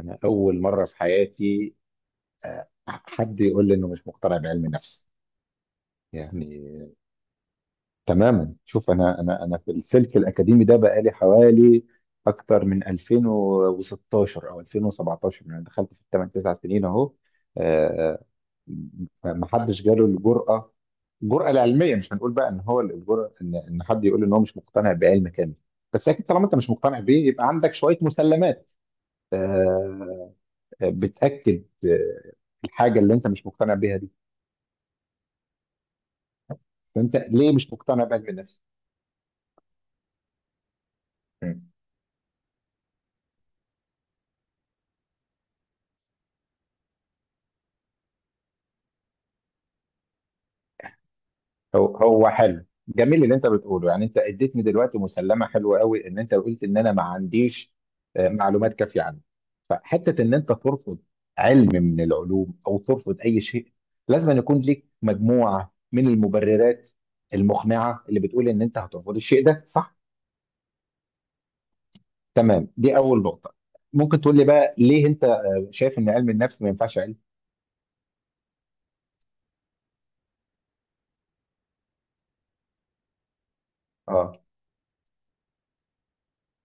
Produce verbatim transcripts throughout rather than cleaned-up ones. انا اول مره في حياتي، آه، حد يقول لي انه مش مقتنع بعلم النفس يعني. تماما، شوف، انا انا انا في السلك الاكاديمي ده بقالي حوالي اكتر من ألفين وستاشر او ألفين وسبعتاشر، يعني دخلت في تمانية تسعة سنين اهو. آه، ما حدش جاله الجرأه الجرأه العلميه. مش هنقول بقى ان هو الجرأه ان ان حد يقول ان هو مش مقتنع بعلم كامل، بس اكيد طالما انت مش مقتنع بيه يبقى عندك شويه مسلمات آه، بتاكد آه، الحاجه اللي انت مش مقتنع بيها دي. فانت ليه مش مقتنع بعلم النفس؟ مم. هو هو حلو، جميل اللي انت بتقوله. يعني انت اديتني دلوقتي مسلمه حلوه قوي ان انت قلت ان انا ما عنديش آه، معلومات كافيه عنه. فحته ان انت ترفض علم من العلوم او ترفض اي شيء، لازم أن يكون ليك مجموعه من المبررات المقنعه اللي بتقول ان انت هترفض الشيء ده، صح؟ تمام، دي اول نقطه. ممكن تقول لي بقى ليه انت آه، شايف ان علم النفس ما ينفعش علم؟ اه،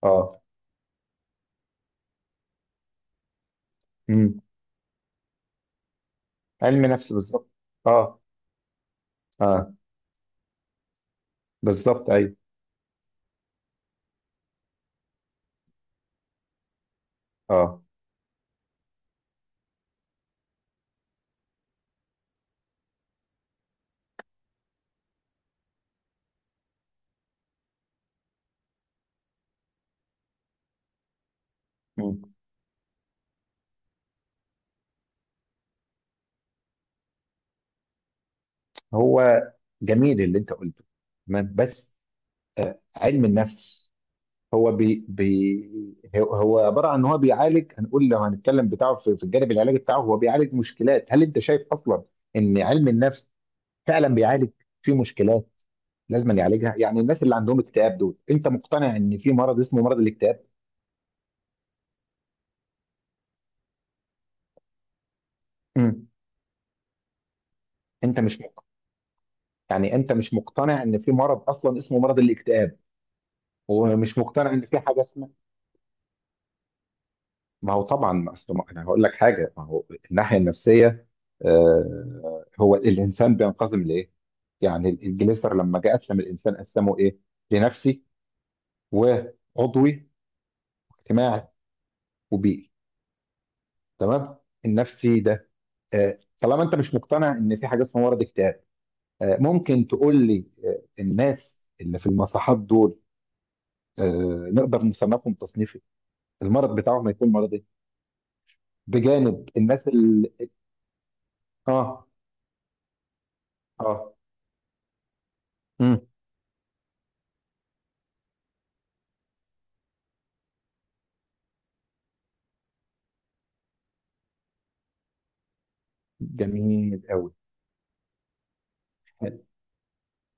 اه، امم علم نفس بالظبط. اه، اه، بالظبط، ايوه. اه. مم. هو جميل اللي انت قلته، تمام، بس آه علم النفس هو بي بي هو هو عباره عن ان هو بيعالج. هنقول لو هنتكلم بتاعه في, في الجانب العلاجي بتاعه، هو بيعالج مشكلات. هل انت شايف اصلا ان علم النفس فعلا بيعالج في مشكلات لازم يعالجها؟ يعني الناس اللي عندهم اكتئاب دول، انت مقتنع ان في مرض اسمه مرض الاكتئاب؟ امم انت مش يعني انت مش مقتنع ان في مرض اصلا اسمه مرض الاكتئاب؟ ومش مقتنع ان في حاجه اسمها. ما هو طبعا، ما أصل ما- انا هقول لك حاجه. ما هو الناحيه النفسيه، آه، هو الانسان بينقسم لايه؟ يعني الجليسر لما جه قسم الانسان قسمه ايه؟ لنفسي، وعضوي، واجتماعي، وبيئي، تمام؟ النفسي ده، آه، طالما انت مش مقتنع ان في حاجه اسمها مرض اكتئاب، آه، ممكن تقول لي آه، الناس اللي في المصحات دول آه، نقدر نصنفهم تصنيف، المرض بتاعهم هيكون مرض ايه، بجانب الناس اللي؟ اه، اه، امم جميل قوي. حلو،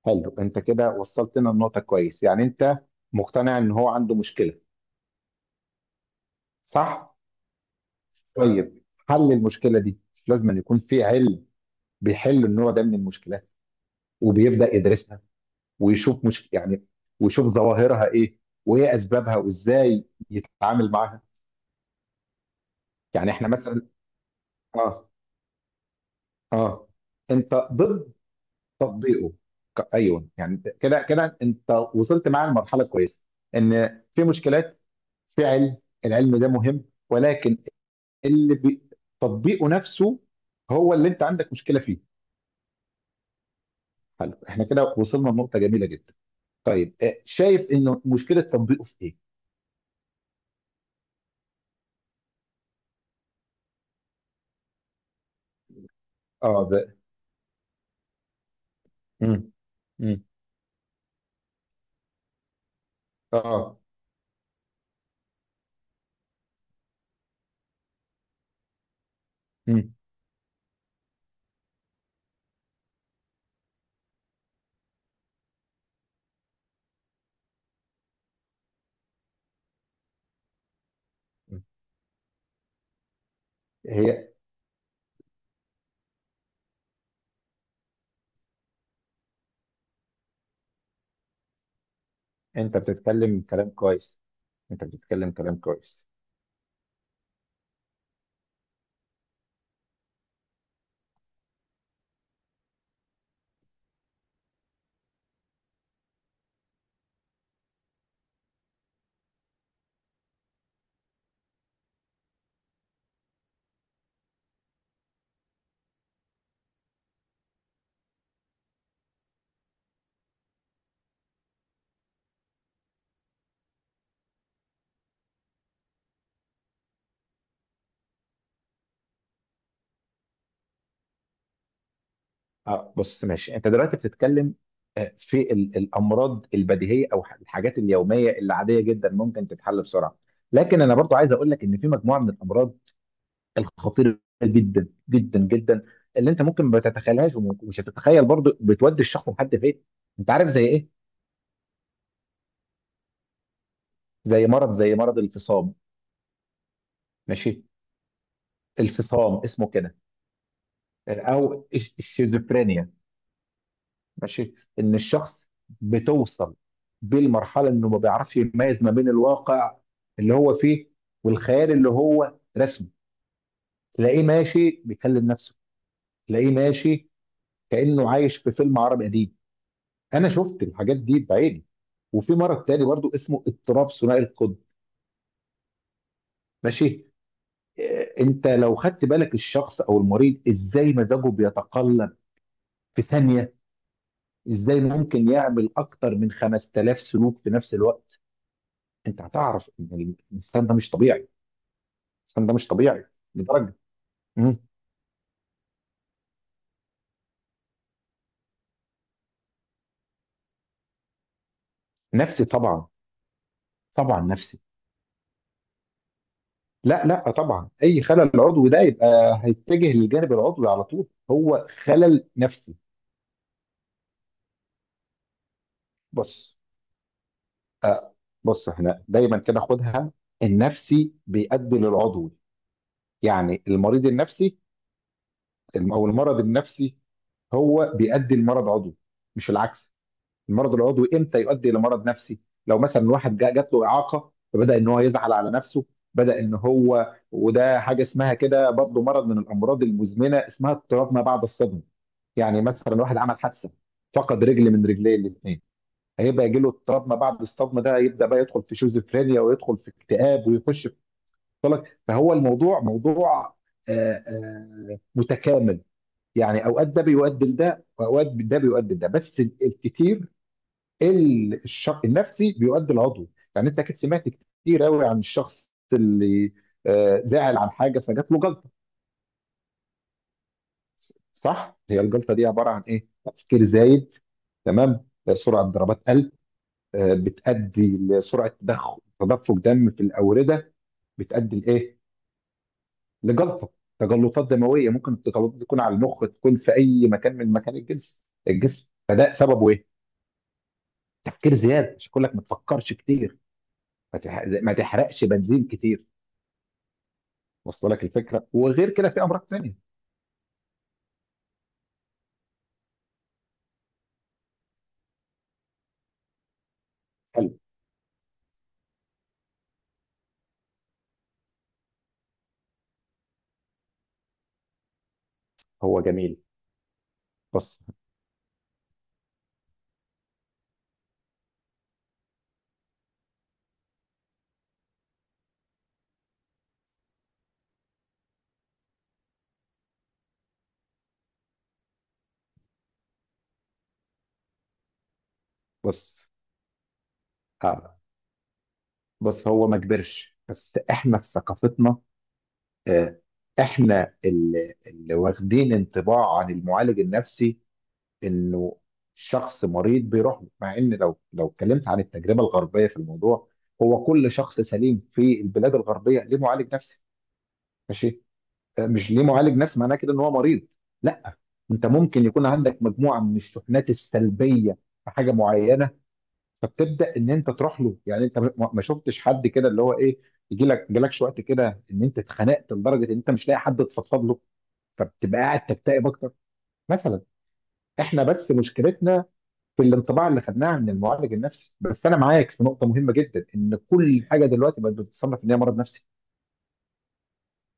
حلو، انت كده وصلت لنا النقطة كويس. يعني انت مقتنع ان هو عنده مشكلة، صح؟ طيب، حل المشكلة دي لازم أن يكون في علم بيحل النوع ده من المشكلات، وبيبدأ يدرسها ويشوف مش يعني ويشوف ظواهرها ايه، وايه اسبابها، وازاي يتعامل معاها. يعني احنا مثلا. اه، اه، انت ضد تطبيقه، ك- ايوه يعني كده كده. انت وصلت معاه لمرحله كويسه، ان في مشكلات، في علم، العلم ده مهم، ولكن اللي بي... تطبيقه نفسه هو اللي انت عندك مشكله فيه. حلو، احنا كده وصلنا لنقطه جميله جدا. طيب، آه، شايف انه مشكله تطبيقه في ايه؟ اه، ده. مم. مم. اه. مم. مم. هي، انت بتتكلم كلام كويس. انت بتتكلم كلام كويس. اه، بص، ماشي، انت دلوقتي بتتكلم آه، في ال- الامراض البديهيه، او ح- الحاجات اليوميه اللي عاديه جدا ممكن تتحل بسرعه. لكن انا برضو عايز اقول لك ان في مجموعه من الامراض الخطيره جدا جدا جدا اللي انت ممكن ما تتخيلهاش، وم- ومش هتتخيل برضو، بتودي الشخص لحد فين. انت عارف زي ايه؟ زي مرض زي مرض الفصام، ماشي؟ الفصام اسمه كده، آه، او الش- الشيزوفرينيا، ماشي؟ ان الشخص بتوصل بيه المرحله انه ما بيعرفش يميز ما بين الواقع اللي هو فيه والخيال اللي هو رسمه. تلاقيه ماشي بيكلم نفسه، تلاقيه ماشي كانه عايش في فيلم عربي قديم. انا شفت الحاجات دي بعيني. وفي مرض تاني برضو اسمه اضطراب ثنائي القطب، ماشي؟ إيه، انت لو خدت بالك الشخص او المريض ازاي مزاجه بيتقلب في ثانيه، ازاي ممكن يعمل اكتر من خمست آلاف سلوك في نفس الوقت، انت هتعرف ان الانسان ده مش طبيعي. الانسان ده مش طبيعي لدرجه. مم. نفسي طبعا. طبعا نفسي. لا، لا، طبعا اي خلل عضوي ده يبقى هيتجه للجانب العضوي على طول. هو خلل نفسي. بص، آه بص، احنا دايما كده خدها: النفسي بيؤدي للعضوي. يعني المريض النفسي او المرض النفسي هو بيؤدي لمرض عضوي، مش العكس. المرض العضوي امتى يؤدي الى مرض نفسي؟ لو مثلا واحد جا- جات له اعاقه، فبدا ان هو يزعل على نفسه، بدا ان هو، وده حاجه اسمها كده برضه مرض من الامراض المزمنه اسمها اضطراب ما بعد الصدمه. يعني مثلا واحد عمل حادثه فقد رجل من رجليه الاثنين، هيبقى يجي له اضطراب ما بعد الصدمه، ده يبدا بقى يدخل في شيزوفرينيا ويدخل في اكتئاب ويخش في طلق. فهو الموضوع موضوع آه، آه، متكامل. يعني اوقات ده بيؤدي لده واوقات ده بيؤدي لده، بس الكتير ال- الشق النفسي بيؤدي العضوي. يعني انت اكيد سمعت كتير قوي عن الشخص اللي آه، زعل عن حاجه فجات له جلطه، صح؟ هي الجلطه دي عباره عن ايه؟ تفكير زايد، تمام، آه، سرعه ضربات قلب، آه، بتؤدي لسرعه تدخل تدفق دم في الاورده، بتؤدي لايه؟ لجلطه، تجلطات دمويه، ممكن التجلطات دي تكون على المخ، تكون في اي مكان من مكان الجسم الجسم. فده سببه ايه؟ تفكير زياده، عشان كلك ما تفكرش كتير، ما تح- ما تحرقش بنزين كتير. وصل لك الفكره؟ وغير كده في امراض تانية. حلو. هو جميل. بص، بص، آه. بص هو ما كبرش، بس احنا في ثقافتنا، آه. احنا اللي, اللي واخدين انطباع عن المعالج النفسي انه شخص مريض بيروح له. مع ان لو لو اتكلمت عن التجربه الغربيه في الموضوع، هو كل شخص سليم في البلاد الغربيه ليه معالج نفسي، ماشي؟ مش ليه معالج، ناس، معناه كده ان هو مريض، لا. انت ممكن يكون عندك مجموعه من الشحنات السلبيه في حاجه معينه، فبتبدا ان انت تروح له. يعني انت ما ما شفتش حد كده، اللي هو ايه، يجي لك جالكش وقت كده ان انت اتخنقت لدرجه ان انت مش لاقي حد تفضفض له، فبتبقى قاعد تكتئب اكتر مثلا. احنا بس مشكلتنا في الانطباع اللي خدناه عن المعالج النفسي. بس انا معاك في نقطه مهمه جدا، ان كل حاجه دلوقتي بقت بتتصنف ان هي مرض نفسي.